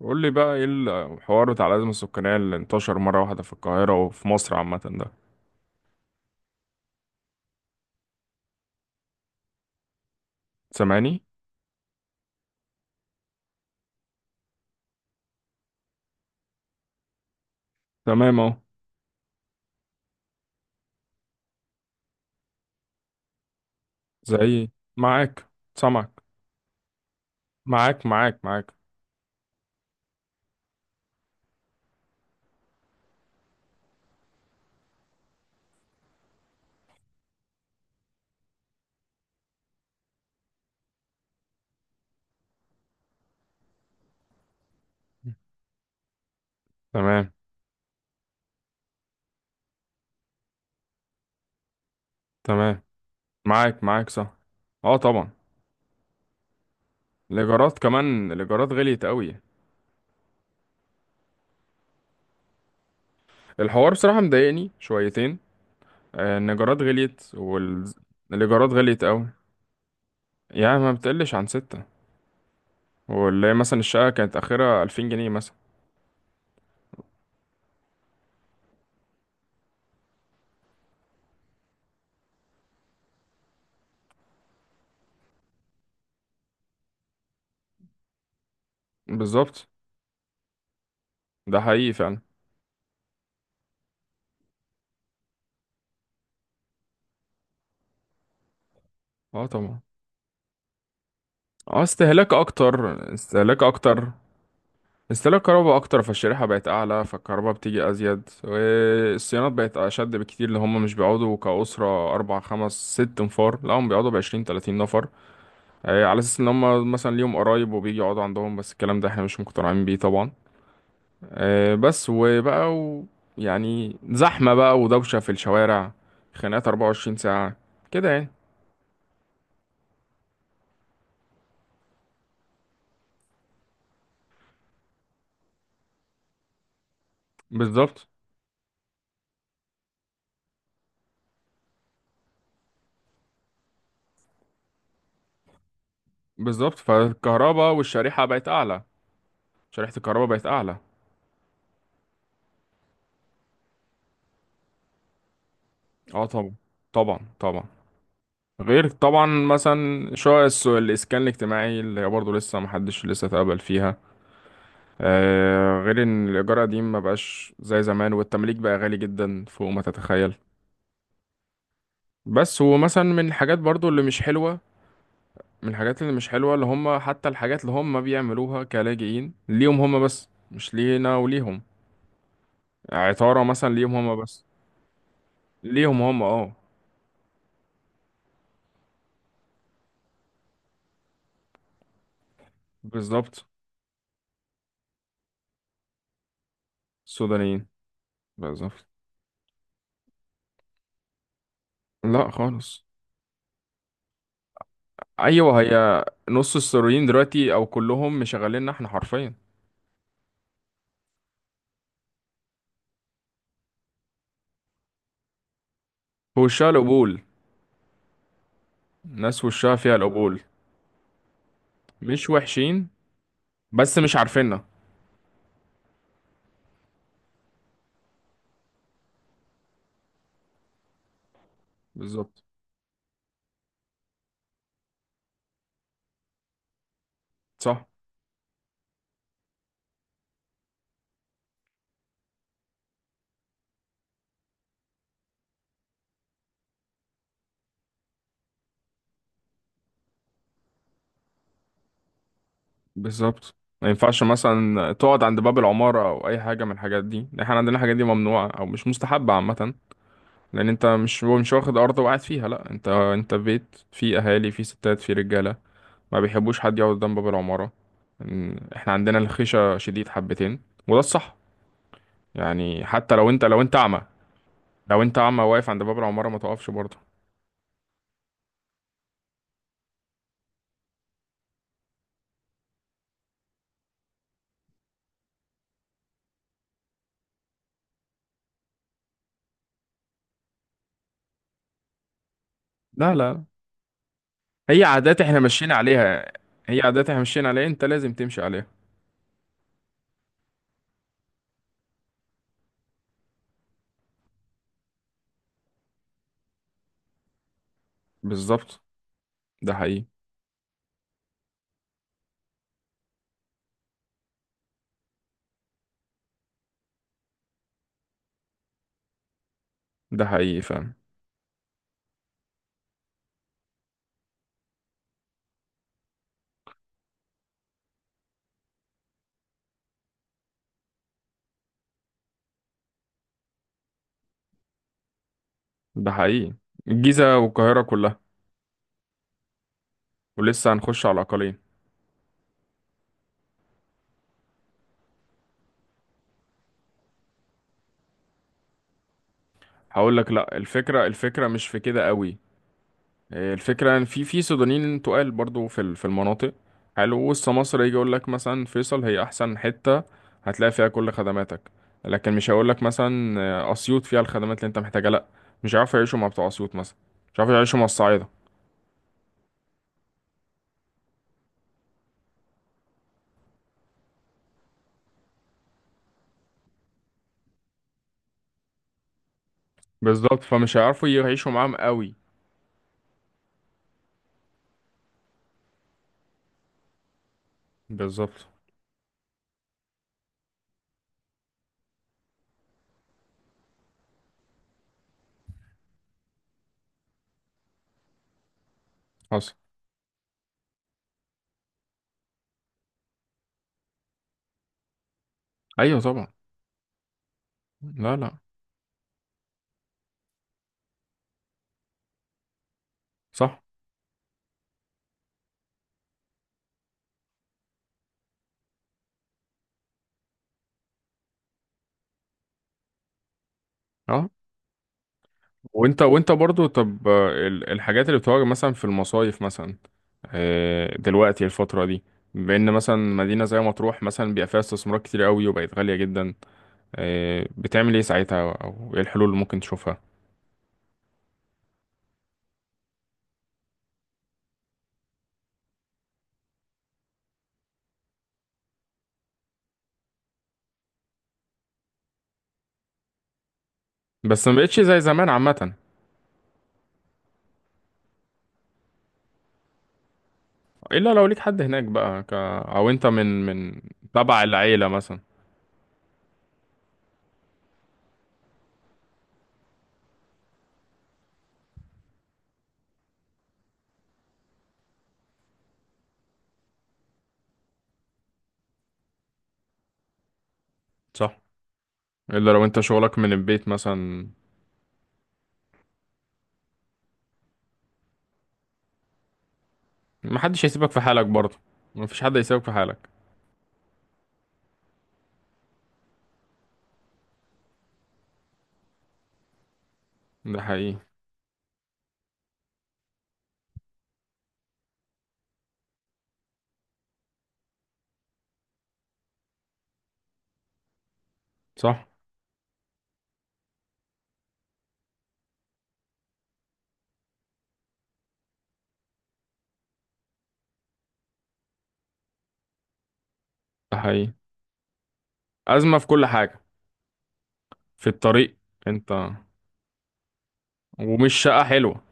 قول لي بقى ايه الحوار بتاع الأزمة السكانية اللي انتشر مرة واحدة في القاهرة وفي مصر عامة ده. سامعني؟ تمام اهو. زي معاك سامعك. معاك معاك معاك. تمام تمام. معاك معاك صح. اه طبعا. الإيجارات كمان، الإيجارات غليت قوي. الحوار بصراحة مضايقني شويتين. إن الإيجارات غليت، والإيجارات غليت قوي. يعني ما بتقلش عن ستة. واللي هي مثلا الشقة كانت آخرها 2000 جنيه مثلا. بالظبط. ده حقيقي فعلا. اه طبعا. اه، استهلاك اكتر، استهلاك اكتر. استهلاك كهرباء اكتر، فالشريحه بقت اعلى، فالكهرباء بتيجي ازيد، والصيانات بقت اشد بكتير اللي هم مش بيقعدوا كاسره اربع خمس ست نفار، لا هم بيقعدوا ب20 30 نفر. على اساس ان هم مثلا ليهم قرايب وبيجي يقعدوا عندهم، بس الكلام ده احنا مش مقتنعين بيه طبعا. بس وبقى. يعني زحمه بقى ودوشه في الشوارع، خناقات 24 ساعه كده يعني. بالظبط بالظبط. فالكهرباء والشريحه بقت اعلى، شريحه الكهرباء بقت اعلى. اه طبعا. طبعا طبعا. غير طبعا مثلا شوية الإسكان الاجتماعي اللي هي برضه لسه محدش لسه اتقبل فيها. آه غير إن الإيجار قديم مبقاش زي زمان، والتمليك بقى غالي جدا فوق ما تتخيل. بس ومثلا من الحاجات برضه اللي مش حلوة، من الحاجات اللي مش حلوة اللي هم حتى الحاجات اللي هم بيعملوها كلاجئين ليهم هم بس، مش لينا وليهم. عطارة مثلا ليهم هم بس. ليهم هم اه. بالظبط. السودانيين بالظبط. لا خالص. ايوه هي. نص السوريين دلوقتي او كلهم مشغليننا احنا حرفيا. هو وشها القبول، ناس وشها فيها القبول. مش وحشين، بس مش عارفيننا. بالظبط صح. بالظبط. ما ينفعش مثلا تقعد عند باب العمارة او اي حاجة من الحاجات دي، احنا عندنا الحاجات دي ممنوعة او مش مستحبة عامة. لان انت مش واخد ارض وقاعد فيها، لا انت في بيت فيه اهالي فيه ستات فيه رجالة. ما بيحبوش حد يقعد قدام باب العمارة. احنا عندنا الخشة شديد حبتين، وده الصح. يعني حتى لو انت اعمى، لو انت اعمى واقف عند باب العمارة ما تقفش برضه. لا لا. هي عادات احنا ماشيين عليها. هي عادات احنا ماشيين عليها، انت لازم تمشي عليها. بالظبط. ده حقيقي. ده حقيقي فعلا. ده حقيقي. الجيزة والقاهرة كلها. ولسه هنخش على الأقاليم. هقول لك لا، الفكرة مش في كده قوي. الفكرة ان في سودانيين تقال برضو في في المناطق حلو وسط مصر. يجي يقول لك مثلا فيصل هي احسن حتة، هتلاقي فيها كل خدماتك. لكن مش هيقول لك مثلا اسيوط فيها الخدمات اللي انت محتاجها، لا. مش هيعرفوا يعيشوا مع بتوع اسيوط مثلا. مش هيعرفوا يعيشوا مع الصعايدة. بالظبط، فمش هيعرفوا يعيشوا معاهم قوي. بالظبط. حصل. ايوه طبعا. لا لا. صح. اه. وانت برضو، طب الحاجات اللي بتواجه مثلا في المصايف مثلا، دلوقتي الفترة دي، بأن مثلا مدينة زي مطروح مثلا بيبقى فيها استثمارات كتير قوي وبقت غالية جدا. بتعمل ايه ساعتها، او ايه الحلول اللي ممكن تشوفها؟ بس ما بقتش زي زمان عامة. الا لو ليك حد هناك بقى. او انت من تبع العيلة مثلا. صح. الا لو انت شغلك من البيت مثلا. ما حدش هيسيبك في حالك برضه. ما فيش حد هيسيبك في حالك. ده حقيقي. صح. ده حقيقي. أزمة في كل حاجة. في الطريق انت. ومش شقة حلوة،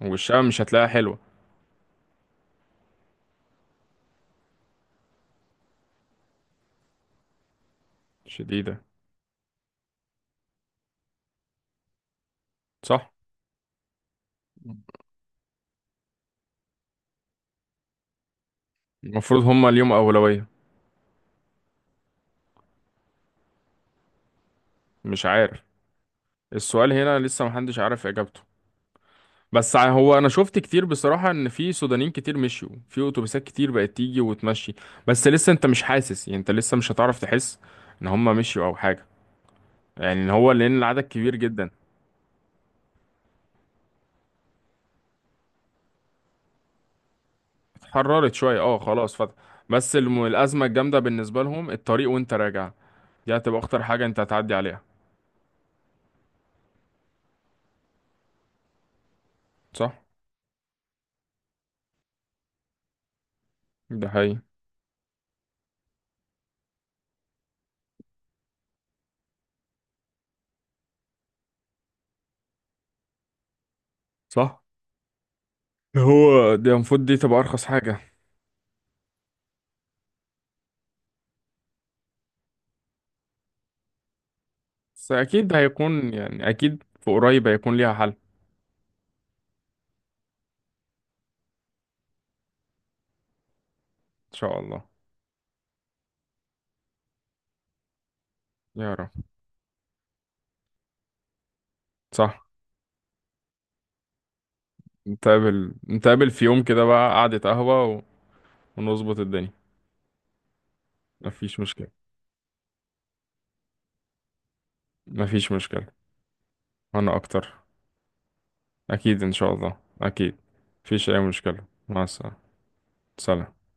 والشقة مش هتلاقيها حلوة. شديدة. صح. المفروض هما اليوم أولوية. مش عارف. السؤال هنا لسه محدش عارف إجابته. بس هو أنا شفت كتير بصراحة إن في سودانيين كتير مشيوا، في أتوبيسات كتير بقت تيجي وتمشي. بس لسه أنت مش حاسس، يعني أنت لسه مش هتعرف تحس إن هما مشيوا أو حاجة. يعني إن هو لأن العدد كبير جدا. اتحررت شوية، أه خلاص فتح. بس الأزمة الجامدة بالنسبة لهم الطريق، وأنت راجع دي هتبقى أخطر حاجة أنت هتعدي عليها. صح. ده حقيقي. صح. هو دي المفروض دي تبقى أرخص حاجة. بس أكيد هيكون، يعني أكيد في قريب هيكون ليها حل إن شاء الله. يا رب. صح. نتقابل نتقابل في يوم كده بقى قعدة قهوة ونظبط الدنيا. مفيش مشكلة. مفيش مشكلة. وأنا أكتر. أكيد إن شاء الله أكيد. مفيش أي مشكلة، مع السلامة. سلام.